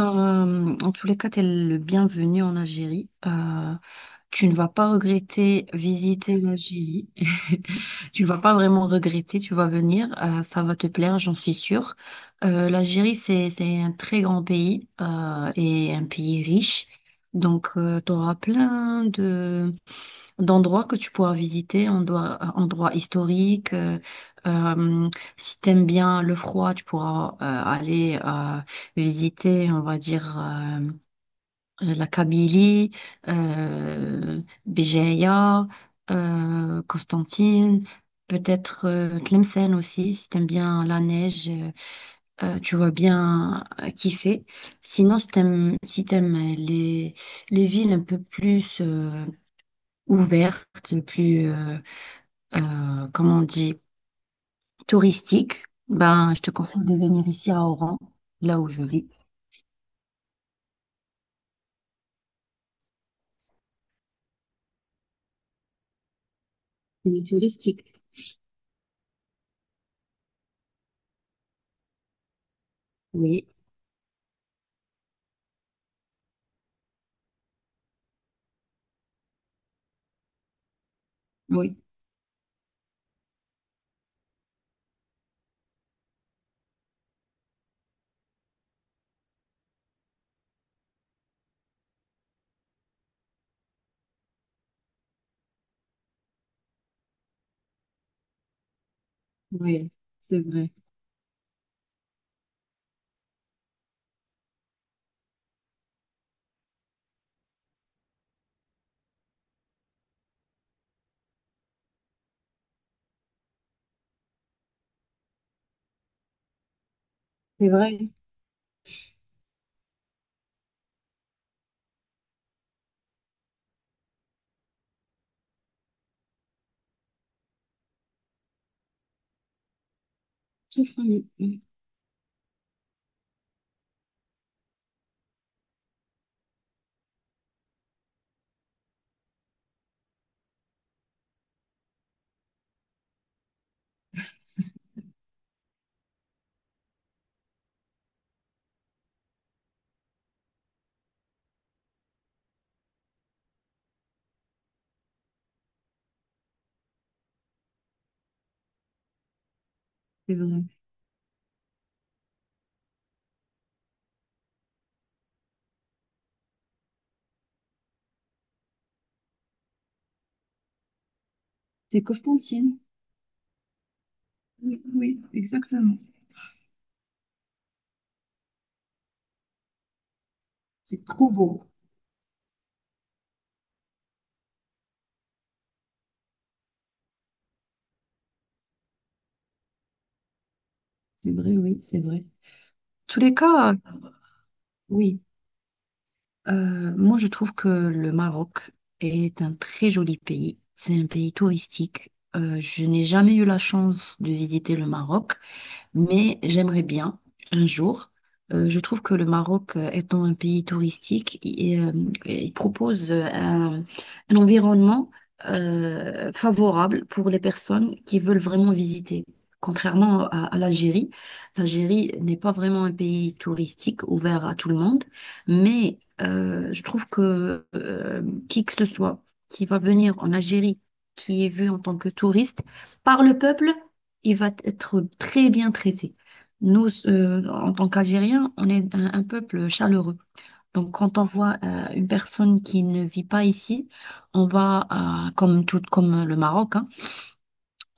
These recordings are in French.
En tous les cas, t'es le bienvenu en Algérie. Tu ne vas pas regretter visiter l'Algérie. Tu vas pas vraiment regretter, tu vas venir, ça va te plaire, j'en suis sûre. L'Algérie, c'est un très grand pays et un pays riche. Donc, tu auras plein d'endroits que tu pourras visiter, endroits, endroits historiques. Euh, si t'aimes bien le froid, tu pourras aller visiter, on va dire. La Kabylie, euh, Béjaïa, Constantine, peut-être Tlemcen aussi, si t'aimes bien la neige, tu vas bien kiffer. Sinon, si t'aimes les villes un peu plus ouvertes, plus, comment on dit, touristiques, ben, je te conseille de venir ici à Oran, là où je vis. Il est touristique. Oui, oui, oui, c'est vrai. C'est vrai. Sauf famille, oui, oui, c'est vrai. C'est Constantine. Oui, oui, exactement. C'est trop beau. C'est vrai, oui, c'est vrai. Tous les cas. Oui, moi je trouve que le Maroc est un très joli pays. C'est un pays touristique. Je n'ai jamais eu la chance de visiter le Maroc. Mais j'aimerais bien un jour. Je trouve que le Maroc, étant un pays touristique, il propose un environnement favorable pour les personnes qui veulent vraiment visiter. Contrairement à l'Algérie, l'Algérie n'est pas vraiment un pays touristique ouvert à tout le monde, mais je trouve que qui que ce soit qui va venir en Algérie, qui est vu en tant que touriste par le peuple, il va être très bien traité. Nous, en tant qu'Algériens, on est un peuple chaleureux. Donc, quand on voit une personne qui ne vit pas ici, on va, comme tout, comme le Maroc, hein,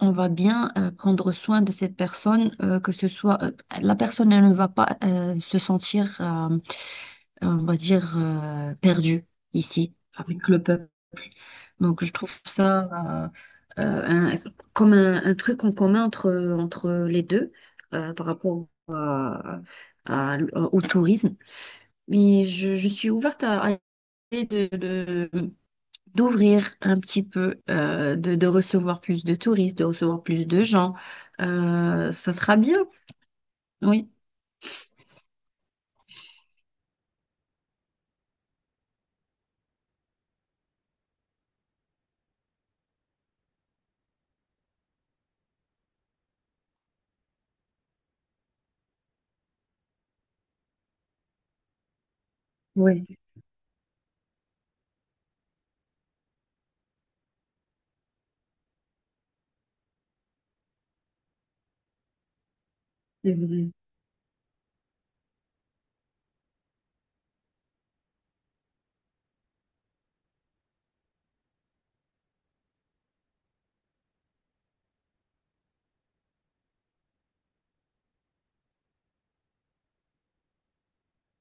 on va bien prendre soin de cette personne, que ce soit la personne, elle ne va pas se sentir, on va dire, perdue ici avec le peuple. Donc, je trouve ça euh, euh, un- comme un truc en commun entre, entre les deux par rapport à- au tourisme. Mais je suis ouverte à l'idée d'ouvrir un petit peu, de recevoir plus de touristes, de recevoir plus de gens. Ça sera bien, oui. Oui, c'est vrai.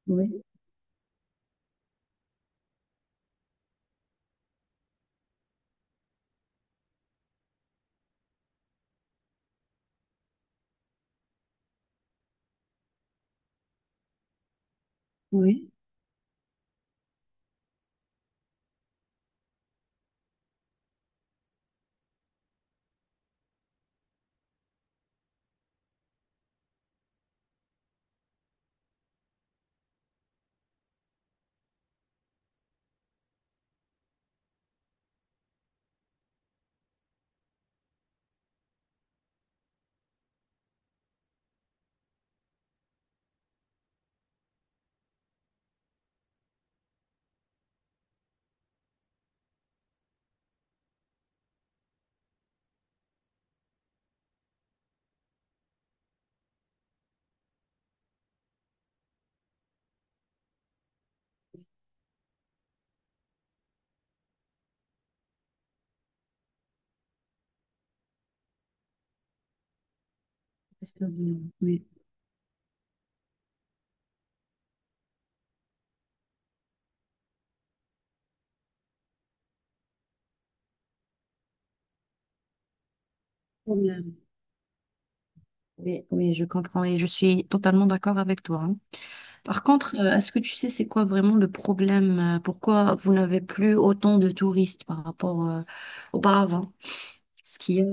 Oui, oui. Parce que, oui, oui, problème. Oui, oui, je comprends et je suis totalement d'accord avec toi, hein. Par contre, est-ce que tu sais c'est quoi vraiment le problème? Pourquoi vous n'avez plus autant de touristes par rapport auparavant? Ce qui est...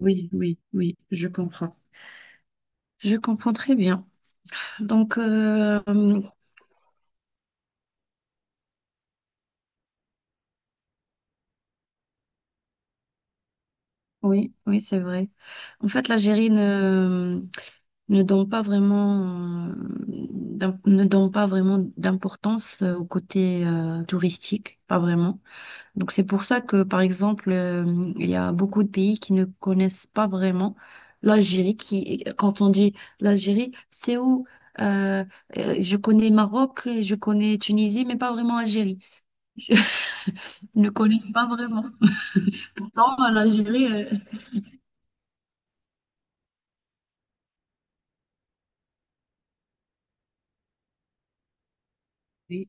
Oui, oui, oui, je comprends. Je comprends très bien. Donc, oui, oui, c'est vrai. En fait, l'Algérie ne, ne donne pas vraiment, ne donne pas vraiment d'importance au côté touristique, pas vraiment. Donc c'est pour ça que, par exemple, il y a beaucoup de pays qui ne connaissent pas vraiment l'Algérie, qui, quand on dit l'Algérie, c'est où, euh, je connais Maroc, je connais Tunisie, mais pas vraiment Algérie. Je ne connais pas vraiment. Non, l'Algérie. Oui.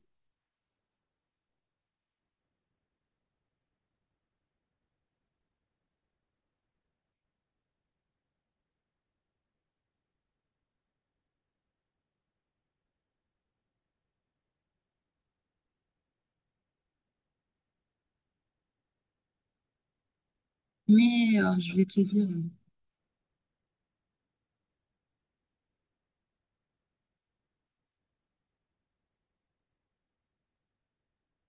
Mais je vais te dire.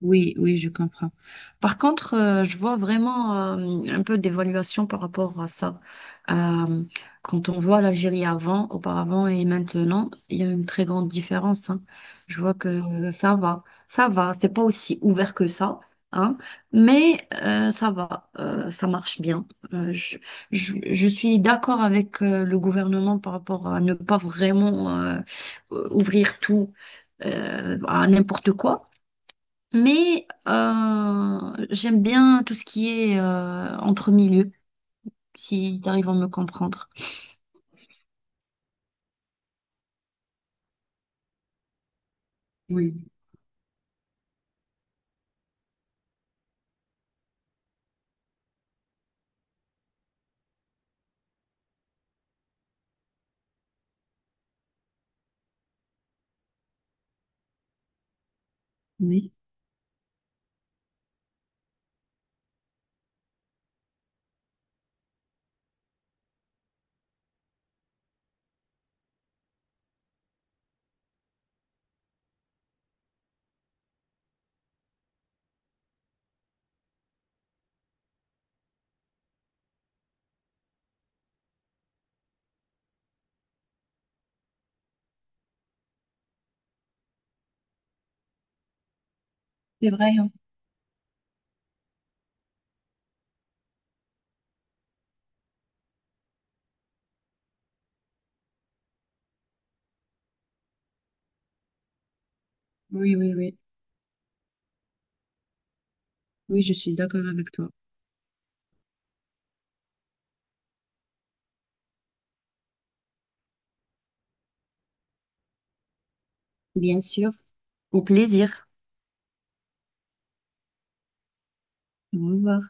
Oui, oui, je comprends. Par contre, je vois vraiment un peu d'évaluation par rapport à ça. Euh, quand on voit l'Algérie avant, auparavant et maintenant, il y a une très grande différence, hein. Je vois que ça va, ça va. C'est pas aussi ouvert que ça, hein, mais ça va, ça marche bien. Euh, je, je suis d'accord avec le gouvernement par rapport à ne pas vraiment ouvrir tout à n'importe quoi. Mais j'aime bien tout ce qui est entre milieux, si tu arrives à me comprendre. Oui, oui, c'est vrai, hein. Oui, oui, oui. Oui, je suis d'accord avec toi. Bien sûr. Au plaisir. Au revoir.